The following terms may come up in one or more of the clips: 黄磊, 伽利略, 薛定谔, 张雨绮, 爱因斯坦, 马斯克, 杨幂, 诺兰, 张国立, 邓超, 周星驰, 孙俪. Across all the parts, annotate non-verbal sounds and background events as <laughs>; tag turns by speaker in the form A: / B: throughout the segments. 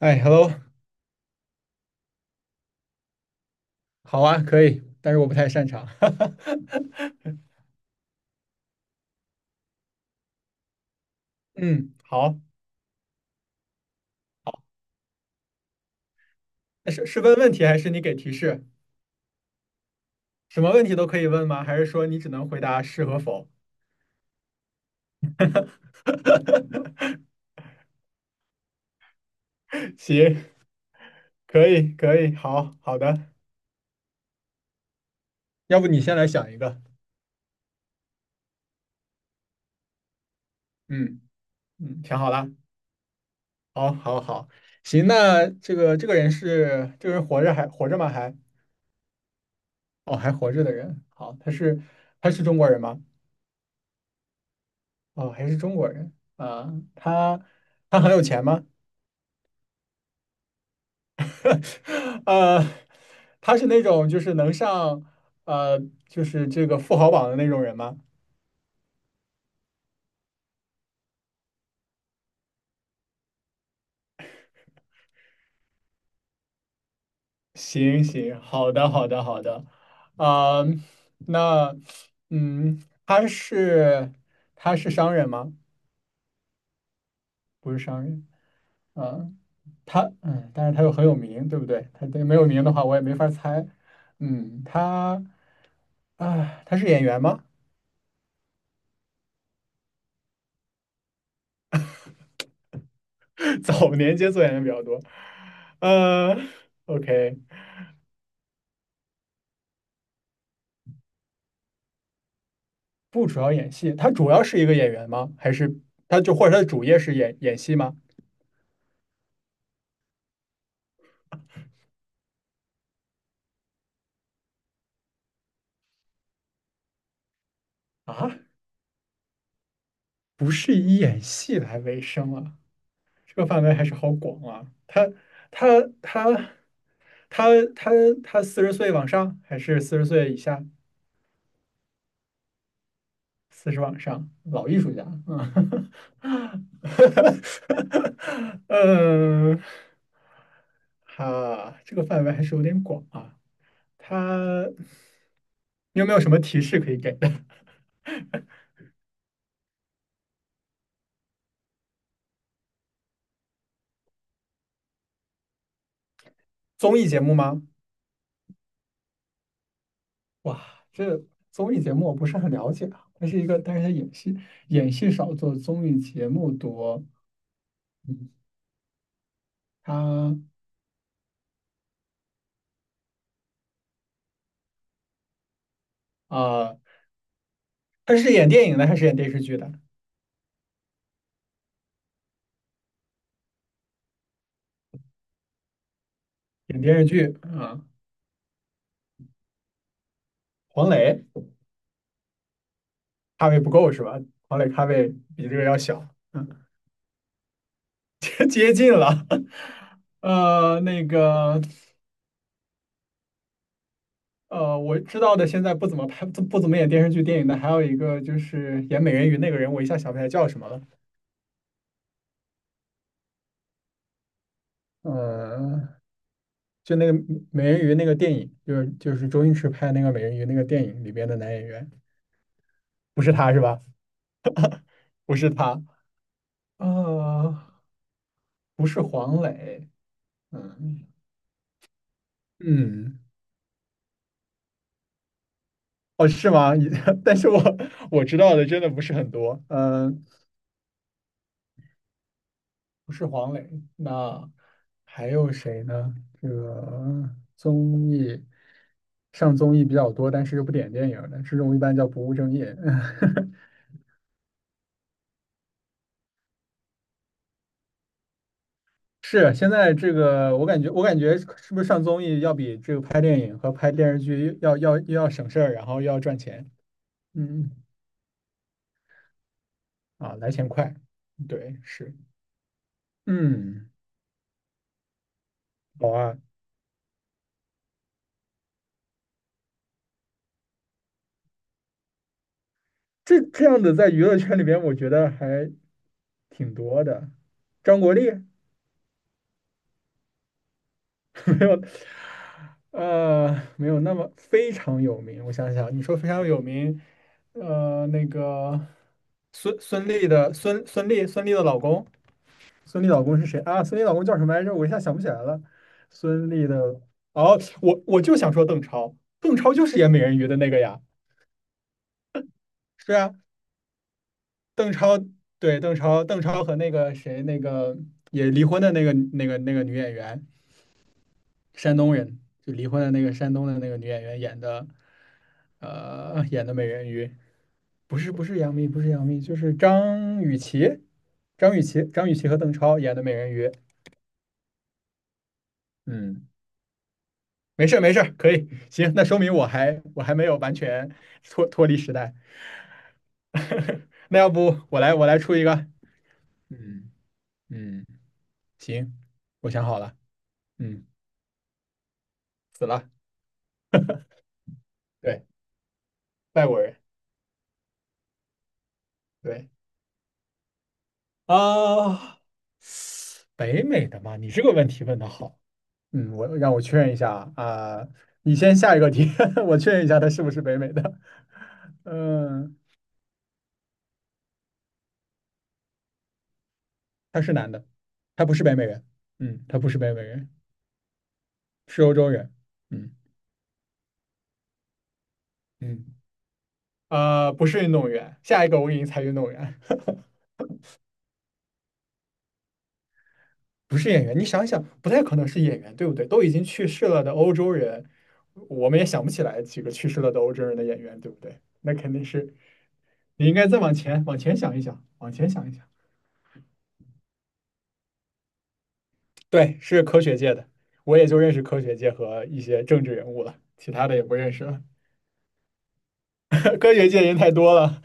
A: 哎，hello，好啊，可以，但是我不太擅长。<laughs> 嗯，好，那是问问题还是你给提示？什么问题都可以问吗？还是说你只能回答是和否？<laughs> 行，可以，可以，好，好的，要不你先来想一个。嗯嗯，想好了，好，好，好，行，那这个这个人是这个人活着吗？哦，还活着的人，好，他是中国人吗？哦，还是中国人啊，他很有钱吗？呃，他是那种就是能上呃，就是这个富豪榜的那种人吗？行行，好的好的好的，啊、那嗯，他是商人吗？不是商人，啊、但是他又很有名，对不对？他对没有名的话，我也没法猜。嗯，他是演员吗？<laughs> 早年间做演员比较多，呃，OK,不主要演戏，他主要是一个演员吗？还是或者他的主业是演戏吗？啊，不是以演戏来为生啊，这个范围还是好广啊。他他他他他四十岁往上还是四十岁以下？四十往上，老艺术家，嗯，<laughs> 嗯，哈，这个范围还是有点广啊。他，你有没有什么提示可以给？综艺节目吗？哇，综艺节目我不是很了解啊。它是一个，但是他演戏少，做综艺节目多。他啊，他是演电影的还是演电视剧的？演电视剧啊，黄磊咖位不够是吧？黄磊咖位比这个要小，嗯，<laughs> 接近了。<laughs> 那个我知道的现在不怎么拍不不怎么演电视剧、电影的，还有一个就是演美人鱼那个人，我一下想不起来叫什么了。嗯，就那个美人鱼那个电影，就是周星驰拍那个美人鱼那个电影里边的男演员，不是他是吧？不是他，啊，不是黄磊，嗯嗯，哦是吗？<laughs> 但是我知道的真的不是很多，不是黄磊，那还有谁呢？这个综艺上综艺比较多，但是又不点电影的，这种一般叫不务正业。<laughs> 是，现在这个我感觉，我感觉是不是上综艺要比这个拍电影和拍电视剧要省事儿，然后又要赚钱，嗯啊，来钱快，对，是，嗯，好啊，这样的在娱乐圈里边，我觉得还挺多的。张国立 <laughs> 没有，呃，没有那么非常有名。我想想，你说非常有名，那个孙俪的老公。孙俪老公是谁啊？孙俪老公叫什么来着？我一下想不起来了。孙俪的，哦，我就想说邓超，邓超就是演美人鱼的那个呀。是啊，邓超，对，邓超和那个谁，那个也离婚的那个女演员，山东人，就离婚的那个山东的那个女演员演的，演的美人鱼，不是杨幂，不是杨幂，就是张雨绮，和邓超演的美人鱼。嗯。没事没事可以，行，那说明我还没有完全脱离时代。<laughs> 那要不我来出一个，嗯嗯，行，我想好了，嗯，死了，对，外国人，对啊、北美的嘛，你这个问题问的好，嗯，让我确认一下啊、啊你先下一个题，<laughs> 我确认一下他是不是北美的，嗯，他是男的，他不是北美人，嗯，他不是北美人，是欧洲人，嗯嗯。不是运动员，下一个我给你猜运动员，<laughs> 不是演员。你想想，不太可能是演员，对不对？都已经去世了的欧洲人，我们也想不起来几个去世了的欧洲人的演员，对不对？那肯定是，你应该再往前想一想，往前想一想。对，是科学界的，我也就认识科学界和一些政治人物了，其他的也不认识了。<laughs> 科学界人太多了，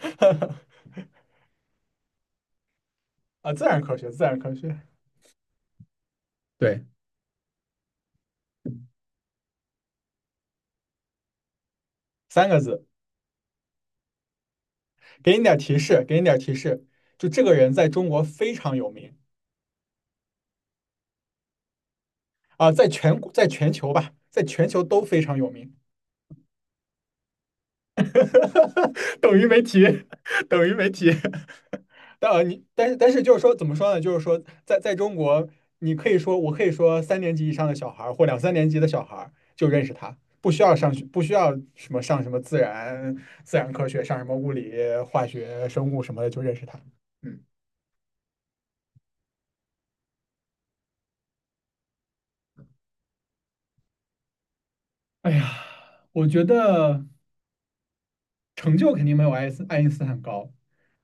A: <laughs> 啊，自然科学，自然科学，对，三个字，给你点提示，给你点提示，就这个人在中国非常有名。啊，在全球吧，在全球都非常有名，<laughs> 等于没提，等于没提。<laughs> 但呃你但是但是就是说怎么说呢？就是说在中国，你可以说我可以说三年级以上的小孩儿或两三年级的小孩儿就认识他，不需要上学，不需要什么上什么自然科学，上什么物理、化学、生物什么的就认识他。嗯哎呀，我觉得。成就肯定没有爱因斯坦高，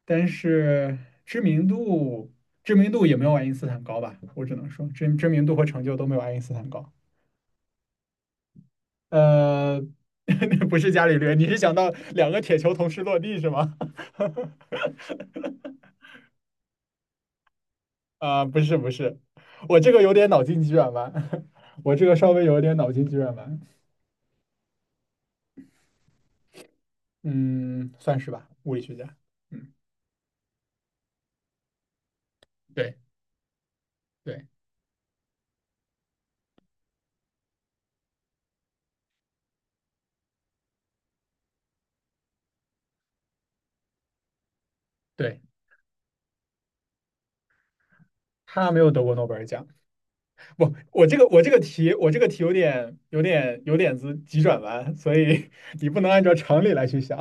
A: 但是知名度知名度也没有爱因斯坦高吧？我只能说知名度和成就都没有爱因斯坦高。呃，<laughs> 不是伽利略，你是想到两个铁球同时落地是吗？<laughs> 啊，不是不是，我这个有点脑筋急转弯，<laughs> 我这个稍微有一点脑筋急转弯，嗯，算是吧，物理学家，嗯，对对对，他没有得过诺贝尔奖，不，我这个题，我这个题有点子急转弯，所以你不能按照常理来去想。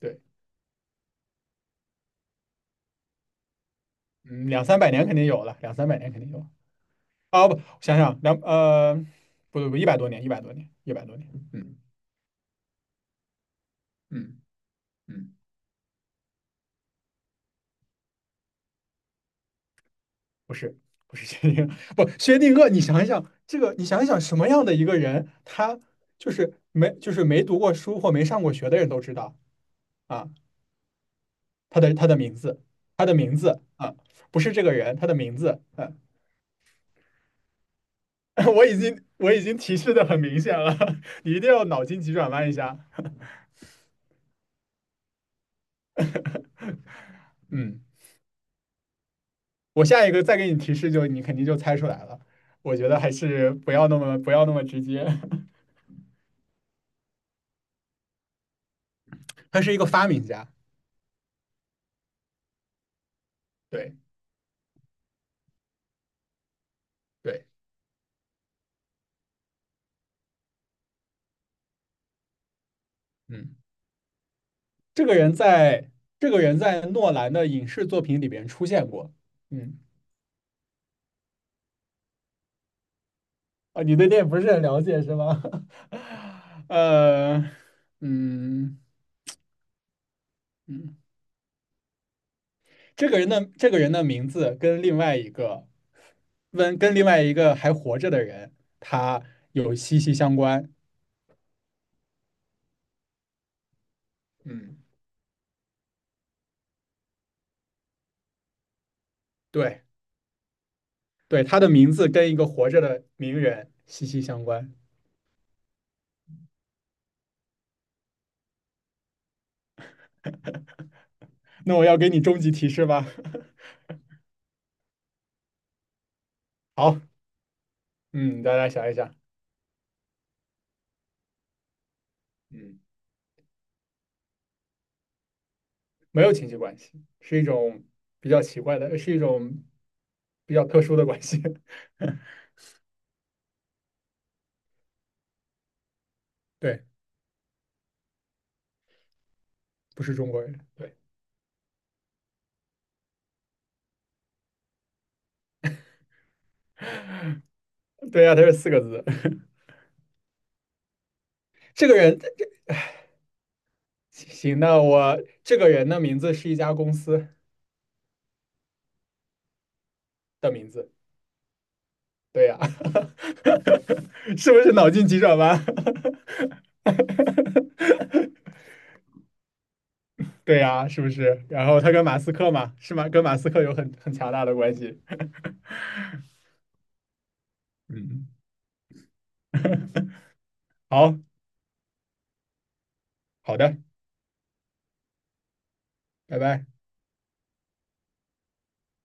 A: 对，嗯，两三百年肯定有了，两三百年肯定有。啊，不，想想不对不，一百多年，一百多年，一百多年。嗯嗯嗯，不是不是薛定谔，不薛定谔，你想一想这个，你想一想什么样的一个人，他就是没就是没读过书或没上过学的人都知道啊，他的名字，他的名字啊，不是这个人，他的名字，嗯。<laughs> 我已经提示的很明显了，<laughs> 你一定要脑筋急转弯一下。嗯，我下一个再给你提示就，你肯定就猜出来了。我觉得还是不要那么直接。<laughs> 他是一个发明家，对对，嗯，这个人在这个人在诺兰的影视作品里边出现过。嗯，啊，你对这影不是很了解是吗？<laughs> 呃，嗯嗯这个人的名字跟另外一个还活着的人，他有息息相关。嗯，对对，他的名字跟一个活着的名人息息相关。那我要给你终极提示吧。<laughs> 好，嗯，大家想一想，嗯，没有亲戚关系，是一种比较奇怪的，是一种比较特殊的关系。<laughs> 对，不是中国人。对对呀、他是四个字。<laughs> 这个人，行，这个人的名字是一家公司的名字，对呀、<laughs> 是不是脑筋急转弯？<laughs> 对呀、是不是？然后他跟马斯克嘛，是吗？跟马斯克有很强大的关系。嗯，<laughs> 好好的，拜拜。